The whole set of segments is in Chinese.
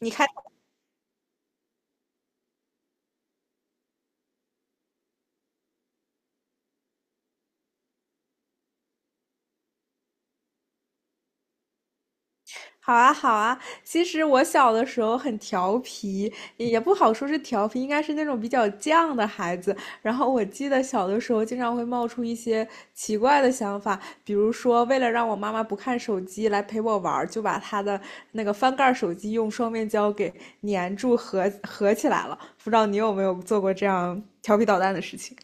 你看，好啊，好啊。其实我小的时候很调皮，也不好说是调皮，应该是那种比较犟的孩子。然后我记得小的时候经常会冒出一些奇怪的想法，比如说为了让我妈妈不看手机来陪我玩儿就把她的那个翻盖儿手机用双面胶给粘住合起来了。不知道你有没有做过这样调皮捣蛋的事情？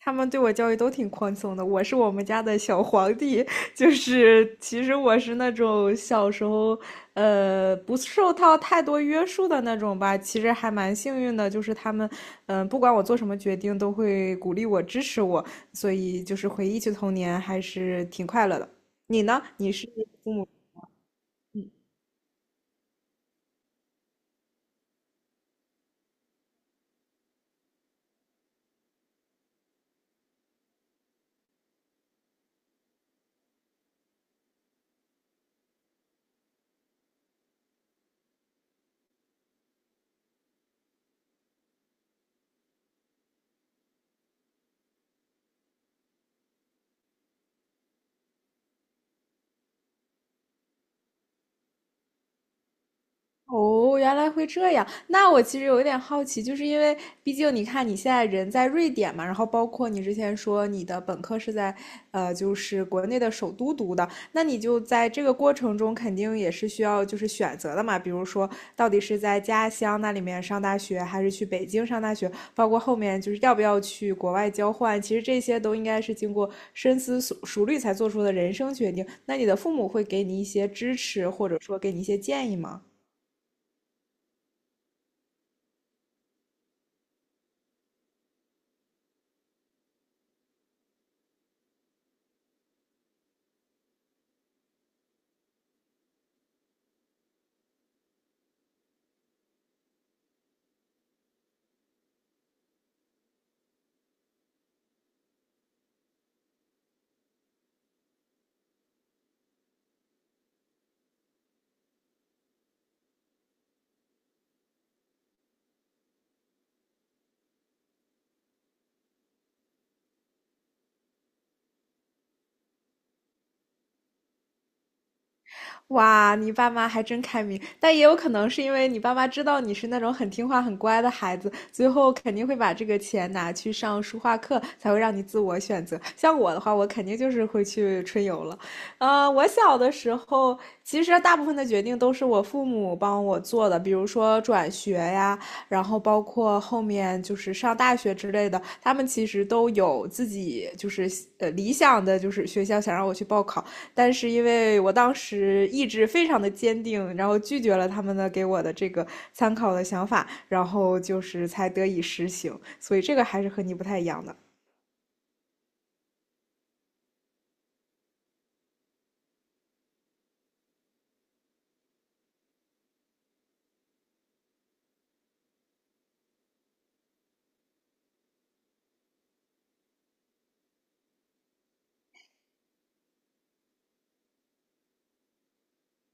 他们对我教育都挺宽松的，我是我们家的小皇帝，就是其实我是那种小时候，不受到太多约束的那种吧。其实还蛮幸运的，就是他们，不管我做什么决定，都会鼓励我、支持我，所以就是回忆起童年还是挺快乐的。你呢？你是父母哦，原来会这样。那我其实有一点好奇，就是因为毕竟你看你现在人在瑞典嘛，然后包括你之前说你的本科是在，就是国内的首都读的，那你就在这个过程中肯定也是需要就是选择的嘛，比如说到底是在家乡那里面上大学，还是去北京上大学，包括后面就是要不要去国外交换，其实这些都应该是经过深思熟虑才做出的人生决定。那你的父母会给你一些支持，或者说给你一些建议吗？哇，你爸妈还真开明，但也有可能是因为你爸妈知道你是那种很听话、很乖的孩子，最后肯定会把这个钱拿去上书画课，才会让你自我选择。像我的话，我肯定就是会去春游了。我小的时候，其实大部分的决定都是我父母帮我做的，比如说转学呀，然后包括后面就是上大学之类的，他们其实都有自己就是理想的，就是学校想让我去报考。但是因为我当时意志非常的坚定，然后拒绝了他们的给我的这个参考的想法，然后就是才得以实行，所以这个还是和你不太一样的。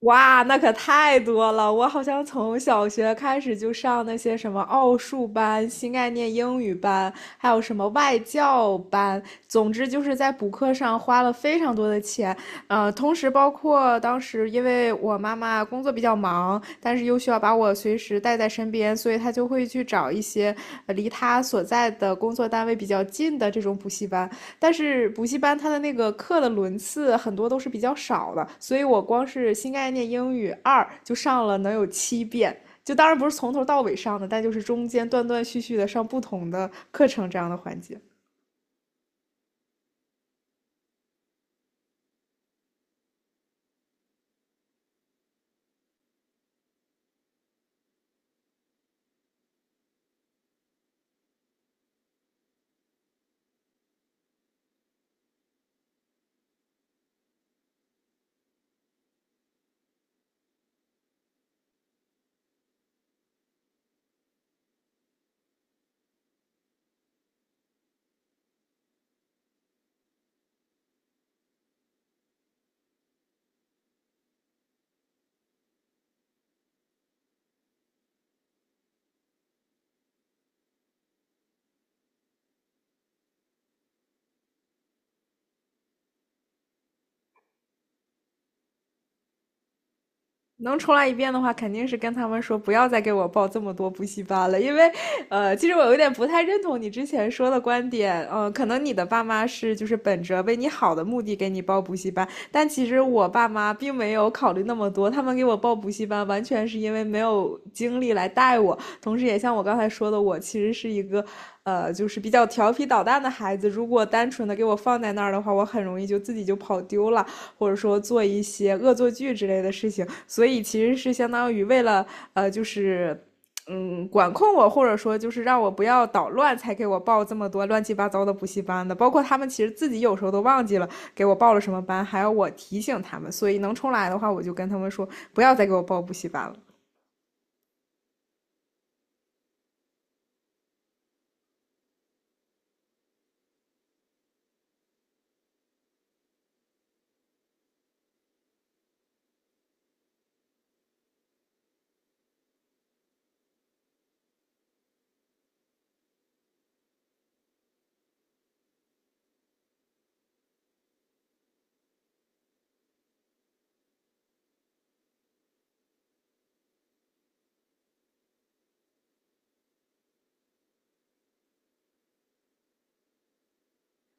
哇，那可太多了！我好像从小学开始就上那些什么奥数班、新概念英语班，还有什么外教班。总之就是在补课上花了非常多的钱，同时包括当时因为我妈妈工作比较忙，但是又需要把我随时带在身边，所以她就会去找一些离她所在的工作单位比较近的这种补习班。但是补习班它的那个课的轮次很多都是比较少的，所以我光是新概念英语二就上了能有七遍。就当然不是从头到尾上的，但就是中间断断续续的上不同的课程这样的环节。能重来一遍的话，肯定是跟他们说不要再给我报这么多补习班了，因为，其实我有点不太认同你之前说的观点，可能你的爸妈是就是本着为你好的目的给你报补习班，但其实我爸妈并没有考虑那么多，他们给我报补习班完全是因为没有精力来带我，同时也像我刚才说的，我其实是一个。就是比较调皮捣蛋的孩子，如果单纯的给我放在那儿的话，我很容易就自己就跑丢了。或者说做一些恶作剧之类的事情，所以其实是相当于为了呃，就是管控我，或者说就是让我不要捣乱，才给我报这么多乱七八糟的补习班的。包括他们其实自己有时候都忘记了给我报了什么班，还要我提醒他们，所以能重来的话，我就跟他们说不要再给我报补习班了。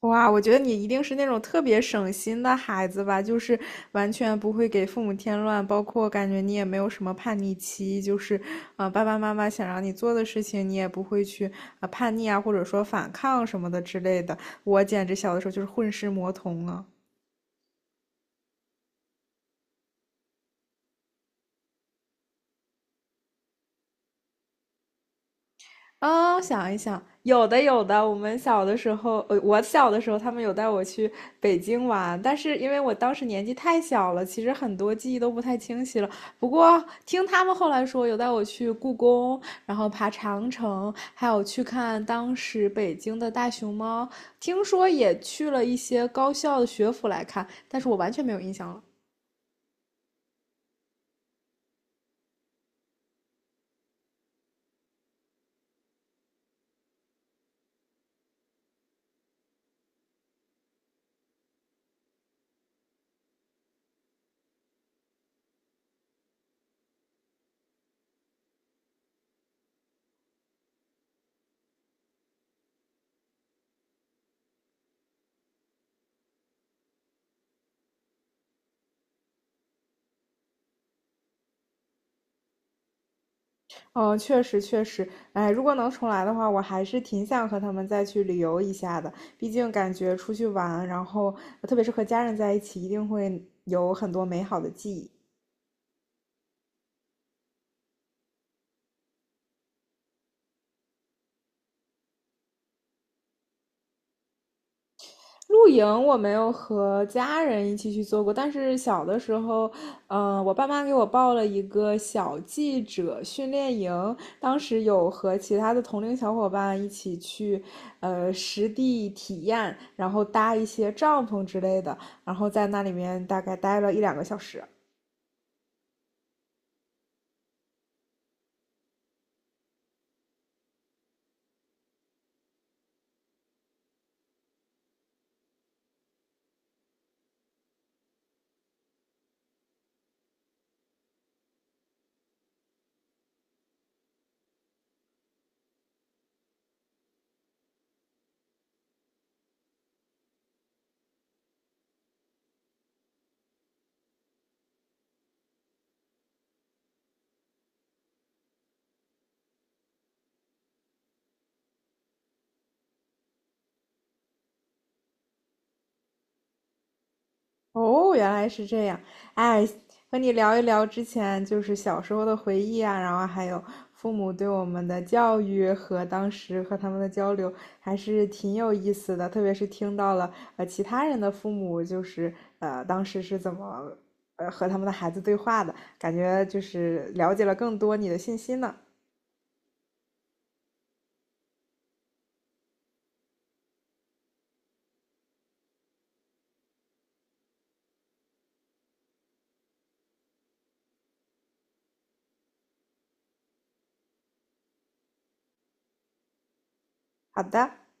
哇，我觉得你一定是那种特别省心的孩子吧，就是完全不会给父母添乱，包括感觉你也没有什么叛逆期，就是，爸爸妈妈想让你做的事情，你也不会去叛逆啊，或者说反抗什么的之类的。我简直小的时候就是混世魔童啊。啊、想一想，有的有的。我们小的时候，我小的时候，他们有带我去北京玩，但是因为我当时年纪太小了，其实很多记忆都不太清晰了。不过听他们后来说，有带我去故宫，然后爬长城，还有去看当时北京的大熊猫。听说也去了一些高校的学府来看，但是我完全没有印象了。嗯，确实确实，哎，如果能重来的话，我还是挺想和他们再去旅游一下的。毕竟感觉出去玩，然后特别是和家人在一起，一定会有很多美好的记忆。露营我没有和家人一起去做过，但是小的时候，我爸妈给我报了一个小记者训练营，当时有和其他的同龄小伙伴一起去，实地体验，然后搭一些帐篷之类的，然后在那里面大概待了一两个小时。哦，原来是这样。哎，和你聊一聊之前就是小时候的回忆啊，然后还有父母对我们的教育和当时和他们的交流，还是挺有意思的。特别是听到了其他人的父母就是当时是怎么和他们的孩子对话的，感觉就是了解了更多你的信息呢。好的。